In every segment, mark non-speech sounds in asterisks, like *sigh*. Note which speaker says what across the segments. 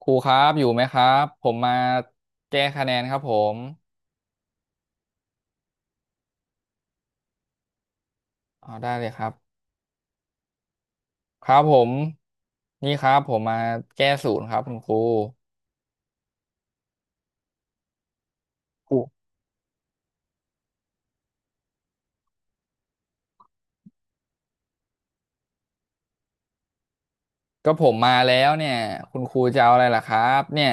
Speaker 1: ครูครับอยู่ไหมครับผมมาแก้คะแนนครับผมอ๋อได้เลยครับครับผมนี่ครับผมมาแก้ศูนย์ครับคุณครูครูก็ผมมาแล้วเนี่ยคุณครูจะเอาอะไรล่ะครับเนี่ย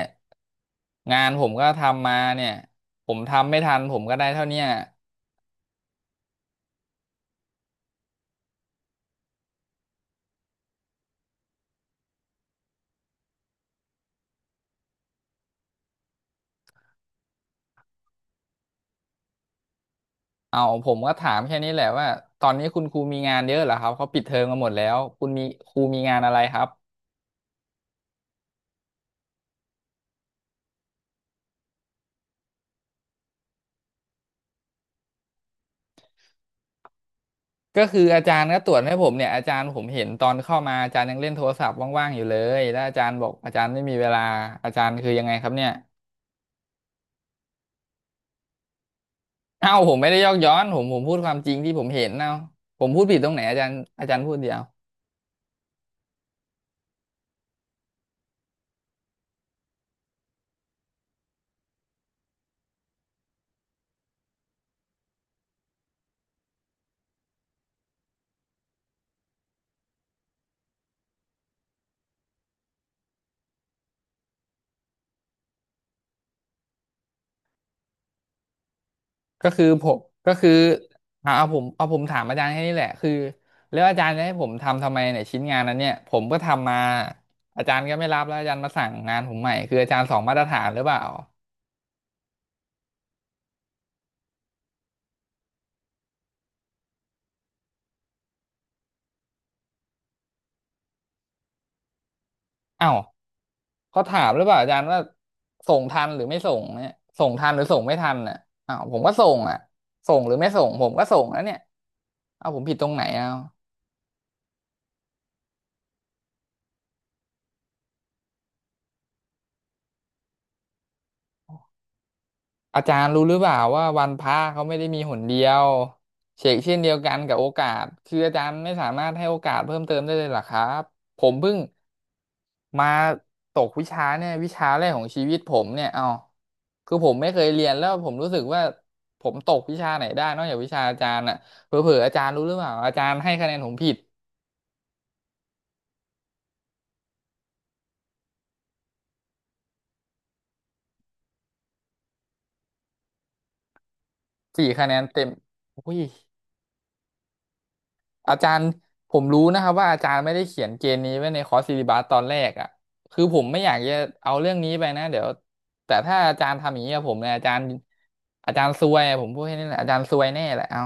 Speaker 1: งานผมก็ทำมาเนี่ยผมทำไม่ทันผมก็ได้เท่าเนี้ยเอาผมก็ถามแค่นี้แหละว่าตอนนี้คุณครูมีงานเยอะเหรอครับเขาปิดเทอมกันหมดแล้วคุณมีครูมีงานอะไรครับ ก็คืออาจารย์ก็ตรวจให้ผมเนี่ยอาจารย์ผมเห็นตอนเข้ามาอาจารย์ยังเล่นโทรศัพท์ว่างๆอยู่เลยแล้วอาจารย์บอกอาจารย์ไม่มีเวลาอาจารย์คือยังไงครับเนี่ยเอ้าผมไม่ได้ยอกย้อนผมพูดความจริงที่ผมเห็นเนาะผมพูดผิดตรงไหนอาจารย์อาจารย์พูดเดียวก็คือผมก็คือเอาผมถามอาจารย์แค่นี้แหละคือแล้วอาจารย์จะให้ผมทำทำไมเนี่ยชิ้นงานนั้นเนี่ยผมก็ทำมาอาจารย์ก็ไม่รับแล้วอาจารย์มาสั่งงานผมใหม่คืออาจารย์สองมาตรฐานหรือเปล่าเอ้า เขาถามหรือเปล่าอาจารย์ว่าส่งทันหรือไม่ส่งเนี่ยส่งทันหรือส่งไม่ทันอ่ะอ้าวผมก็ส่งอ่ะส่งหรือไม่ส่งผมก็ส่งแล้วเนี่ยเอาผมผิดตรงไหนเอา อาจารย์รู้หรือเปล่าว่าวันพระเขาไม่ได้มีหนเดียวเฉกเช่นเดียวกันกับโอกาสคืออาจารย์ไม่สามารถให้โอกาสเพิ่มเติมได้เลยเหรอครับผมเพิ่งมาตกวิชาเนี่ยวิชาแรกของชีวิตผมเนี่ยเอาคือผมไม่เคยเรียนแล้วผมรู้สึกว่าผมตกวิชาไหนได้นอกจากวิชาอาจารย์อ่ะเผลอๆอาจารย์รู้หรือเปล่าอาจารย์ให้คะแนนผมผิด4 คะแนนเต็มอุ้ย อาจารย์ผมรู้นะครับว่าอาจารย์ไม่ได้เขียนเกณฑ์นี้ไว้ในคอร์สซิลิบัสตอนแรกอ่ะคือผมไม่อยากจะเอาเรื่องนี้ไปนะเดี๋ยวแต่ถ้าอาจารย์ทำอย่างนี้กับผมเนี่ยอาจารย์อาจารย์ซวยอะผมพูดแค่นี้แหละอาจารย์ซวยแน่แหละเอา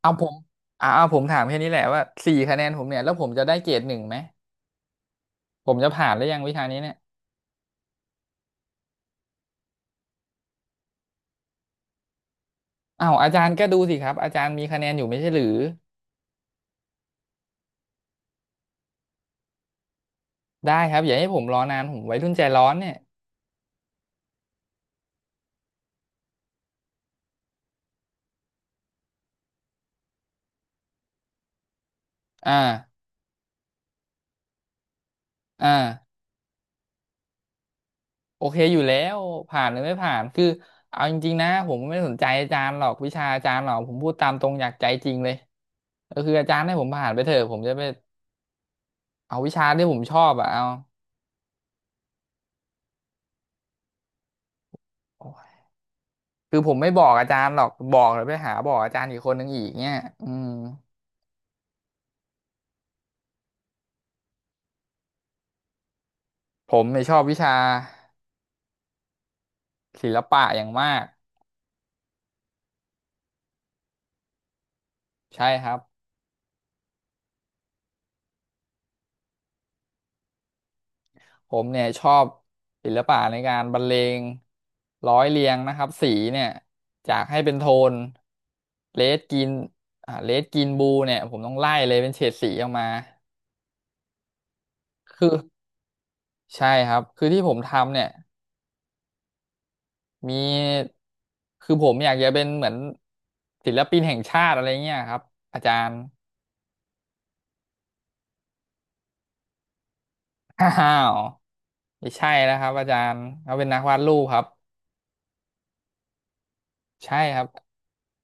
Speaker 1: เอาผมเอาผมถามแค่นี้แหละว่าสี่คะแนนผมเนี่ยแล้วผมจะได้เกรด 1ไหมผมจะผ่านหรือยังวิชานี้เนี่ยอ้าวอาจารย์ก็ดูสิครับอาจารย์มีคะแนนอยู่ไม่ใช่หรือได้ครับอย่าให้ผมรอนานผมวัยรุ่นใจร้อนเนี่ยอ่าอ่า โอเคอยู่แล้วผ่านหรือไม่ผ่านคือเอาจริงๆนะผมไม่ได้สนใจอาจารย์หรอกวิชาอาจารย์หรอกผมพูดตามตรงอยากใจจริงเลยก็คืออาจารย์ให้ผมผ่านไปเถอะผมจะไปเอาวิชาที่ผมชอบอะเอาโอ้ยคือผมไม่บอกอาจารย์หรอกบอกหรือไปหาบอกอาจารย์อีกคนนึงอีกเนี่ยอืมผมไม่ยชอบวิชาศิลปะอย่างมากใช่ครับ ผมเนี่ยชอบศิลปะในการบรรเลงร้อยเรียงนะครับสีเนี่ยจากให้เป็นโทนเลดกินเลดกินบูเนี่ยผมต้องไล่เลยเป็นเฉดสีออกมาคือใช่ครับคือที่ผมทำเนี่ยมีคือผมอยากจะเป็นเหมือนศิลปินแห่งชาติอะไรเงี้ยครับอาจารย์ *coughs* อ้าวไม่ใช่นะครับอาจารย์เขาเป็นนักวาดรูปครับ ใช่ครับ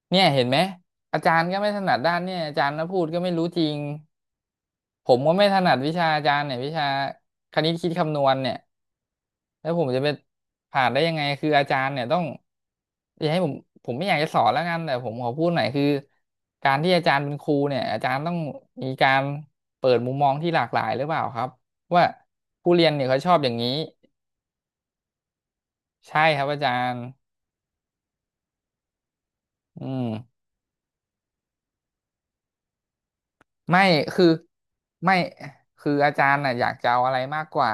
Speaker 1: เนี่ยเห็นไหมอาจารย์ก็ไม่ถนัดด้านเนี่ยอาจารย์นะพูดก็ไม่รู้จริงผมก็ไม่ถนัดวิชาอาจารย์เนี่ยวิชาคณิตคิดคำนวณเนี่ยแล้วผมจะไปผ่านได้ยังไงคืออาจารย์เนี่ยต้องอย่าให้ผมผมไม่อยากจะสอนแล้วกันแต่ผมขอพูดหน่อยคือการที่อาจารย์เป็นครูเนี่ยอาจารย์ต้องมีการเปิดมุมมองที่หลากหลายหรือเปล่าครับว่าผู้เรียนเนี่ยเขาชอบอย่างนี้ใช่ครับอาจารย์อืม ไม่คือไม่คืออาจารย์น่ะอยากจะเอาอะไรมากกว่า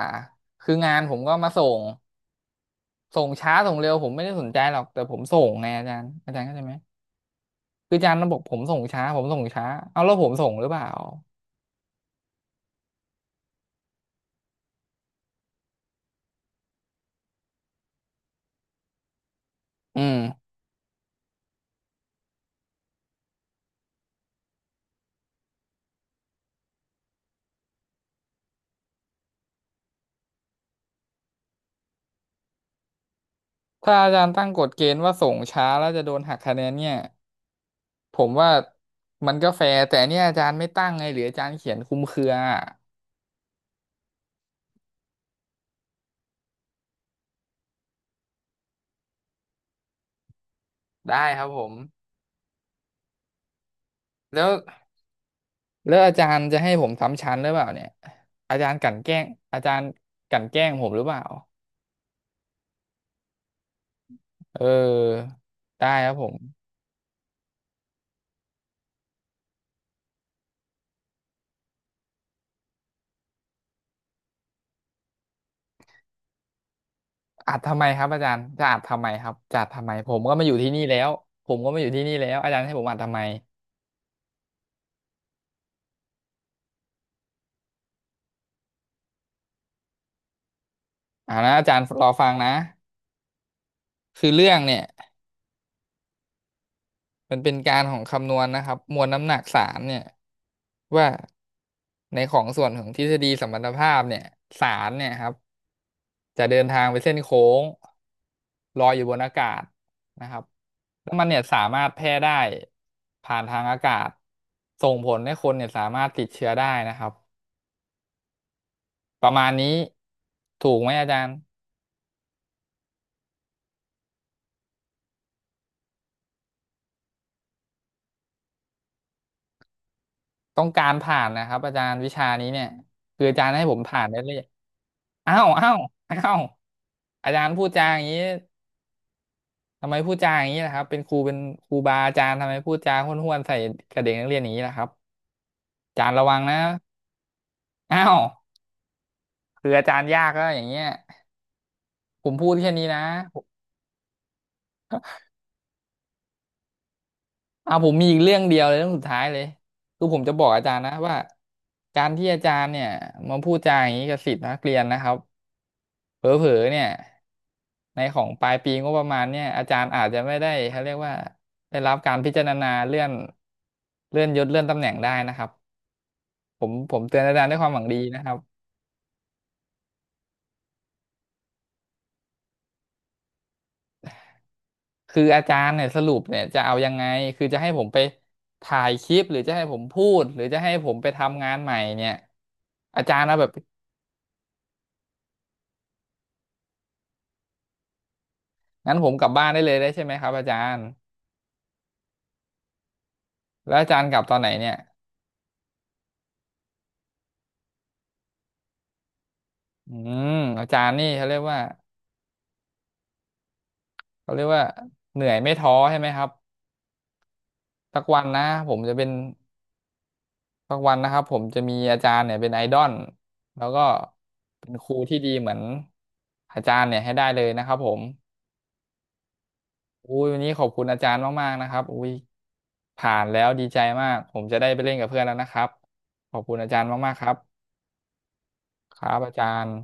Speaker 1: คืองานผมก็มาส่งส่งช้าส่งเร็วผมไม่ได้สนใจหรอกแต่ผมส่งไงอาจารย์อาจารย์เข้าใจไหมคืออาจารย์บอกผมส่งช้าผมส่งช้าเอาแล้วผมส่งหรือเปล่าอืมถ้าอาจารย์ตั้งกฎเกณฑ์ว่าส่งช้าแล้วจะโดนหักคะแนนเนี่ยผมว่ามันก็แฟร์แต่เนี่ยอาจารย์ไม่ตั้งไงหรืออาจารย์เขียนคลุมเครือได้ครับผมแล้ว แล้วอาจารย์จะให้ผมซ้ำชั้นหรือเปล่าเนี่ยอาจารย์กลั่นแกล้งอาจารย์กลั่นแกล้งผมหรือเปล่าเออได้ครับผมอัดทำไมครับอาจารย์จะอัดทำไมครับจะอัดทำไมผมก็มาอยู่ที่นี่แล้วผมก็มาอยู่ที่นี่แล้วอาจารย์ให้ผมอัดทำไมอ่านะอาจารย์รอฟังนะคือเรื่องเนี่ยมันเป็นการของคำนวณนะครับมวลน้ำหนักสารเนี่ยว่าในของส่วนของทฤษฎีสัมพัทธภาพเนี่ยสารเนี่ยครับ จะเดินทางไปเส้นโค้งลอยอยู่บนอากาศนะครับแล้วมันเนี่ยสามารถแพร่ได้ผ่านทางอากาศส่งผลให้คนเนี่ยสามารถติดเชื้อได้นะครับประมาณนี้ถูกไหมอาจารย์ต้องการผ่านนะครับอาจารย์วิชานี้เนี่ยคืออาจารย์ให้ผมผ่านได้เลยอ้าวอ้าวอ้าวอาจารย์พูดจาอย่างนี้ทำไมพูดจาอย่างนี้นะครับเป็นครูเป็นครูบาอาจารย์ทำไมพูดจาห้วนๆใส่กับเด็กนักเรียนอย่างนี้นะครับอาจารย์ระวังนะอ้าว คืออาจารย์ยากก็อย่างเงี้ยผมพูดแค่นี้นะอ่าผมมีอีกเรื่องเดียวเลยเรื่องสุดท้ายเลยคือผมจะบอกอาจารย์นะว่าการที่อาจารย์เนี่ยมาพูดจาอย่างนี้กับศิษย์นักเรียนนะครับเผลอๆเนี่ยในของปลายปีงบประมาณเนี่ยอาจารย์อาจจะไม่ได้เขาเรียกว่าได้รับการพิจารณาเลื่อนเลื่อนยศเลื่อนตำแหน่งได้นะครับผมผมเตือนอาจารย์ด้วยความหวังดีนะครับ คืออาจารย์เนี่ยสรุปเนี่ยจะเอายังไง คือจะให้ผมไปถ่ายคลิปหรือจะให้ผมพูดหรือจะให้ผมไปทำงานใหม่เนี่ยอาจารย์เอาแบบงั้นผมกลับบ้านได้เลยได้ใช่ไหมครับอาจารย์แล้วอาจารย์กลับตอนไหนเนี่ยอืมอาจารย์นี่เขาเรียกว่าเขาเรียกว่าเหนื่อยไม่ท้อใช่ไหมครับสักวันนะผมจะเป็นสักวันนะครับผมจะมีอาจารย์เนี่ยเป็นไอดอลแล้วก็เป็นครูที่ดีเหมือนอาจารย์เนี่ยให้ได้เลยนะครับผม อุ้ยวันนี้ขอบคุณอาจารย์มากๆนะครับอุ้ยผ่านแล้วดีใจมากผมจะได้ไปเล่นกับเพื่อนแล้วนะครับขอบคุณอาจารย์มากๆครับครับอาจารย์